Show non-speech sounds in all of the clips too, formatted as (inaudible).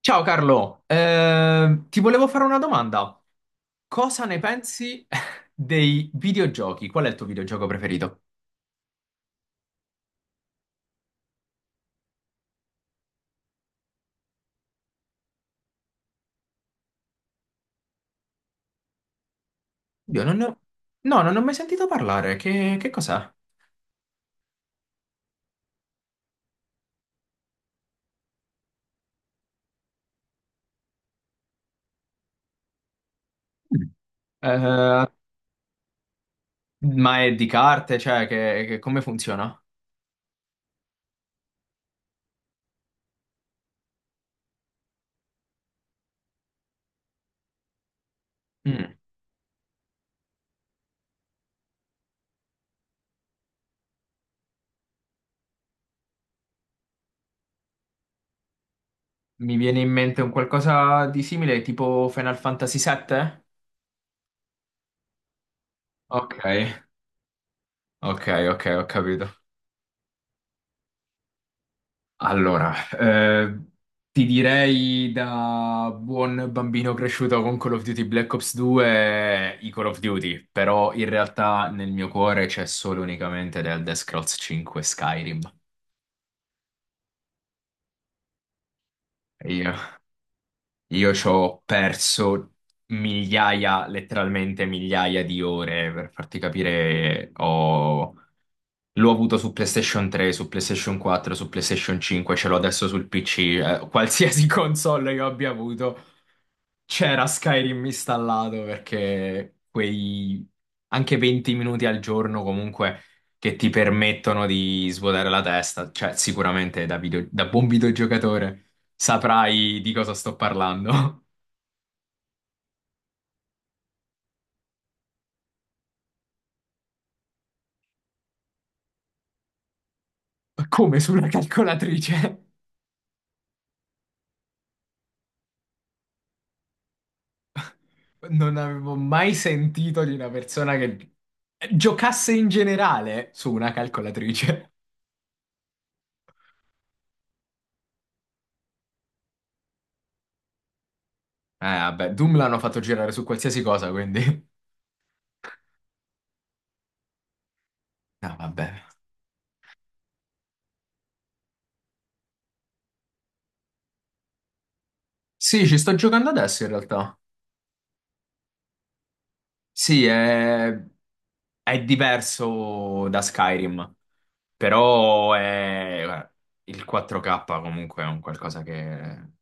Ciao Carlo, ti volevo fare una domanda. Cosa ne pensi (laughs) dei videogiochi? Qual è il tuo videogioco preferito? Io non ne ho. No, non ne ho mai sentito parlare. Che cos'è? Mm. Eh, ma è di carte? Cioè, come funziona? Mm. Mi viene in mente un qualcosa di simile, tipo Final Fantasy VII? Ok, ok, ok, ho capito. Allora, ti direi da buon bambino cresciuto con Call of Duty Black Ops 2, i Call of Duty, però in realtà nel mio cuore c'è solo e unicamente del Elder Scrolls 5 Skyrim. Io Io ci ho perso migliaia, letteralmente migliaia di ore per farti capire. Ho. L'ho avuto su PlayStation 3, su PlayStation 4, su PlayStation 5, ce l'ho adesso sul PC. Qualsiasi (laughs) console io abbia avuto, c'era Skyrim installato perché quei anche 20 minuti al giorno comunque che ti permettono di svuotare la testa, cioè sicuramente da buon videogiocatore saprai di cosa sto parlando. (laughs) Come sulla calcolatrice? Non avevo mai sentito di una persona che giocasse in generale su una calcolatrice. Vabbè, Doom l'hanno fatto girare su qualsiasi cosa, quindi. No, vabbè. Sì, ci sto giocando adesso in realtà. Sì, è diverso da Skyrim, però è, guarda, il 4K comunque è un qualcosa che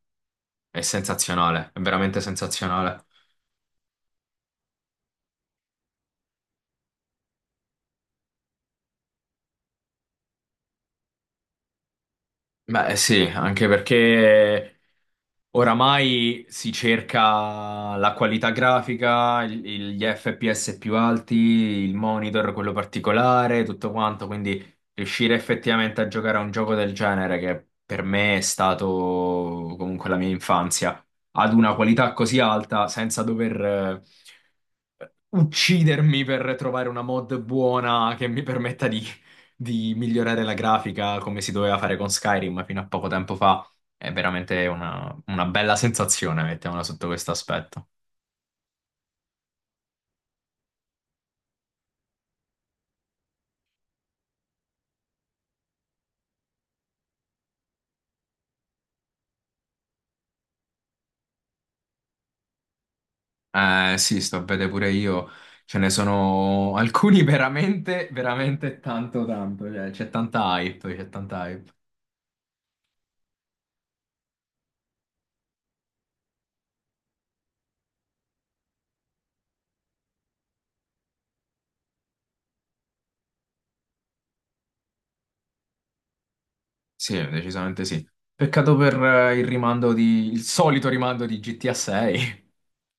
è sensazionale, è veramente sensazionale. Beh, sì, anche perché oramai si cerca la qualità grafica, gli FPS più alti, il monitor, quello particolare, tutto quanto, quindi riuscire effettivamente a giocare a un gioco del genere, che per me è stato comunque la mia infanzia, ad una qualità così alta, senza dover eh, uccidermi per trovare una mod buona che mi permetta di migliorare la grafica come si doveva fare con Skyrim fino a poco tempo fa. È veramente una bella sensazione, mettiamola sotto questo aspetto. Eh sì, sto a vedere pure io. Ce ne sono alcuni (laughs) veramente, veramente tanto, tanto. Cioè, c'è tanta hype, c'è tanta hype. Sì, decisamente sì. Peccato per il solito rimando di GTA 6. (laughs)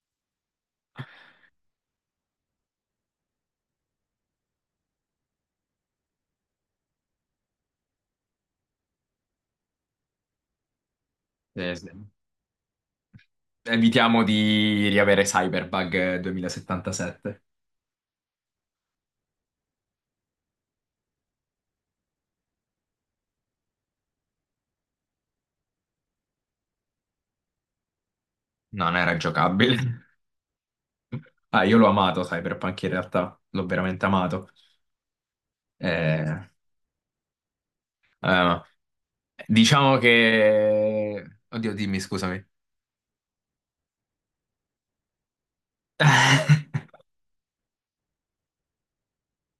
Sì, sì. Evitiamo di riavere Cyberbug 2077. Non era giocabile. (laughs) Ah, io l'ho amato Cyberpunk in realtà, l'ho veramente amato. Eh, eh, diciamo che, oddio, dimmi, scusami. (laughs)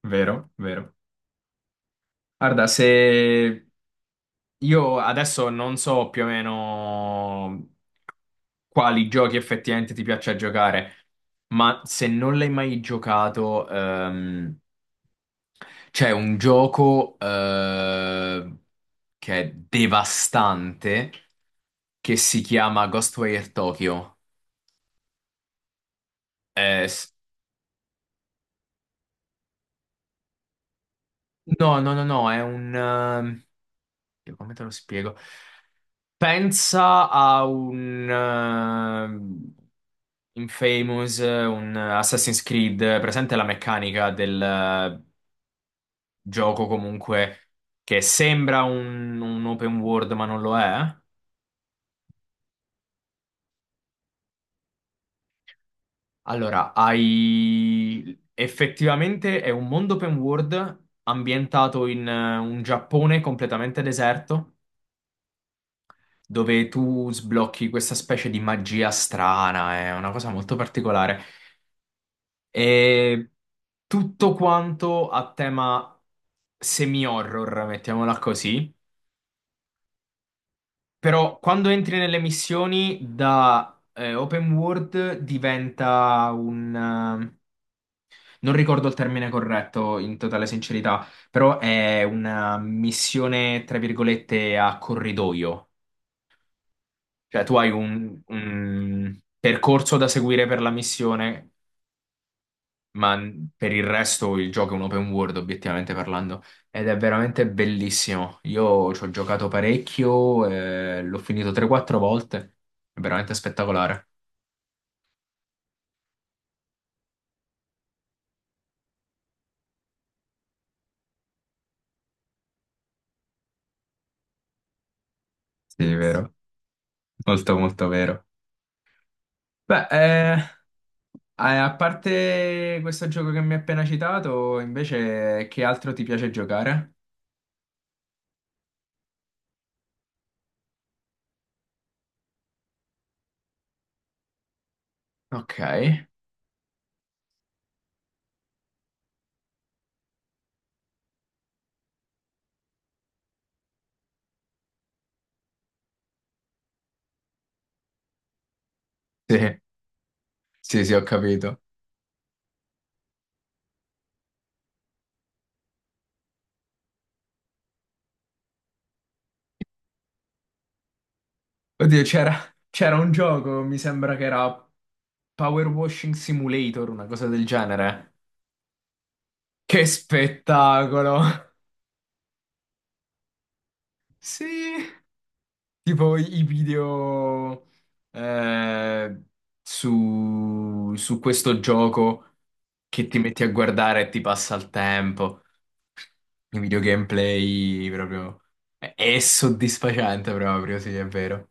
Vero, vero. Guarda, se io adesso non so più o meno quali giochi effettivamente ti piace giocare, ma se non l'hai mai giocato, c'è un gioco che è devastante, che si chiama Ghostwire Tokyo. Eh, s- no, no, no, no, è un, come te lo spiego? Pensa a un Infamous, un Assassin's Creed, presente la meccanica del gioco comunque, che sembra un open world ma non lo è. Allora, hai, effettivamente è un mondo open world ambientato in un Giappone completamente deserto, dove tu sblocchi questa specie di magia strana, è una cosa molto particolare. E tutto quanto a tema semi-horror, mettiamola così. Però quando entri nelle missioni da open world diventa un non ricordo il termine corretto, in totale sincerità, però è una missione, tra virgolette, a corridoio. Cioè, tu hai un percorso da seguire per la missione, ma per il resto il gioco è un open world, obiettivamente parlando, ed è veramente bellissimo. Io ci ho giocato parecchio, l'ho finito 3-4 volte, è veramente spettacolare. Sì, vero. Molto, molto vero. Beh, a parte questo gioco che mi hai appena citato, invece, che altro ti piace giocare? Ok, sì, sì, sì, ho capito. Oddio, c'era un gioco, mi sembra che era Power Washing Simulator, una cosa del genere. Che spettacolo! (laughs) Sì, tipo i video eh, su questo gioco che ti metti a guardare e ti passa il tempo. I video gameplay proprio. È soddisfacente proprio, sì, è vero.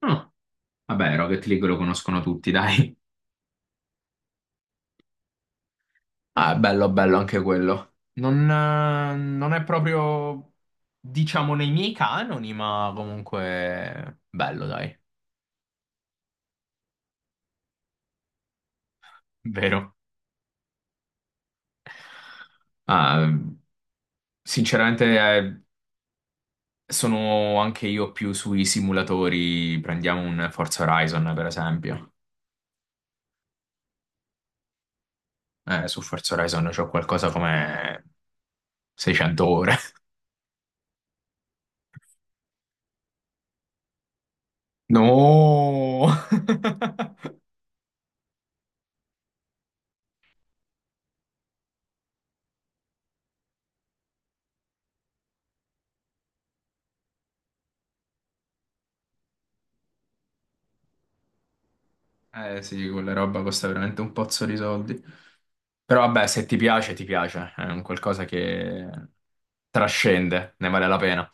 Ah, vabbè, Rocket League lo conoscono tutti, dai. Ah, è bello, bello anche quello. Non è proprio, diciamo, nei miei canoni, ma comunque bello, dai, vero. Ah, sinceramente, eh, sono anche io più sui simulatori. Prendiamo un Forza Horizon, per esempio. Su Forza Horizon c'ho qualcosa come 600 ore. No! (laughs) Eh sì, quella roba costa veramente un pozzo di soldi. Però vabbè, se ti piace, ti piace. È un qualcosa che trascende, ne vale la pena.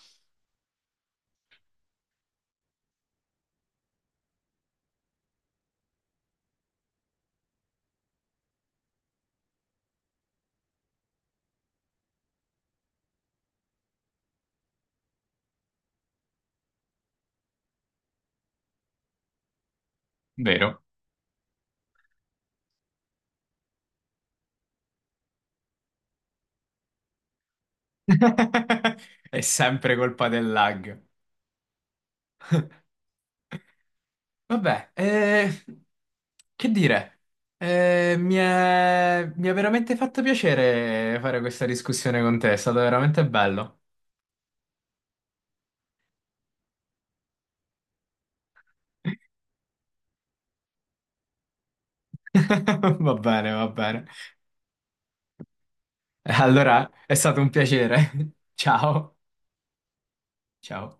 Vero? (laughs) È sempre colpa del lag. Vabbè, che dire? Mi è veramente fatto piacere fare questa discussione con te, è stato veramente bello. (laughs) Va bene, va bene. Allora, è stato un piacere. (laughs) Ciao, ciao.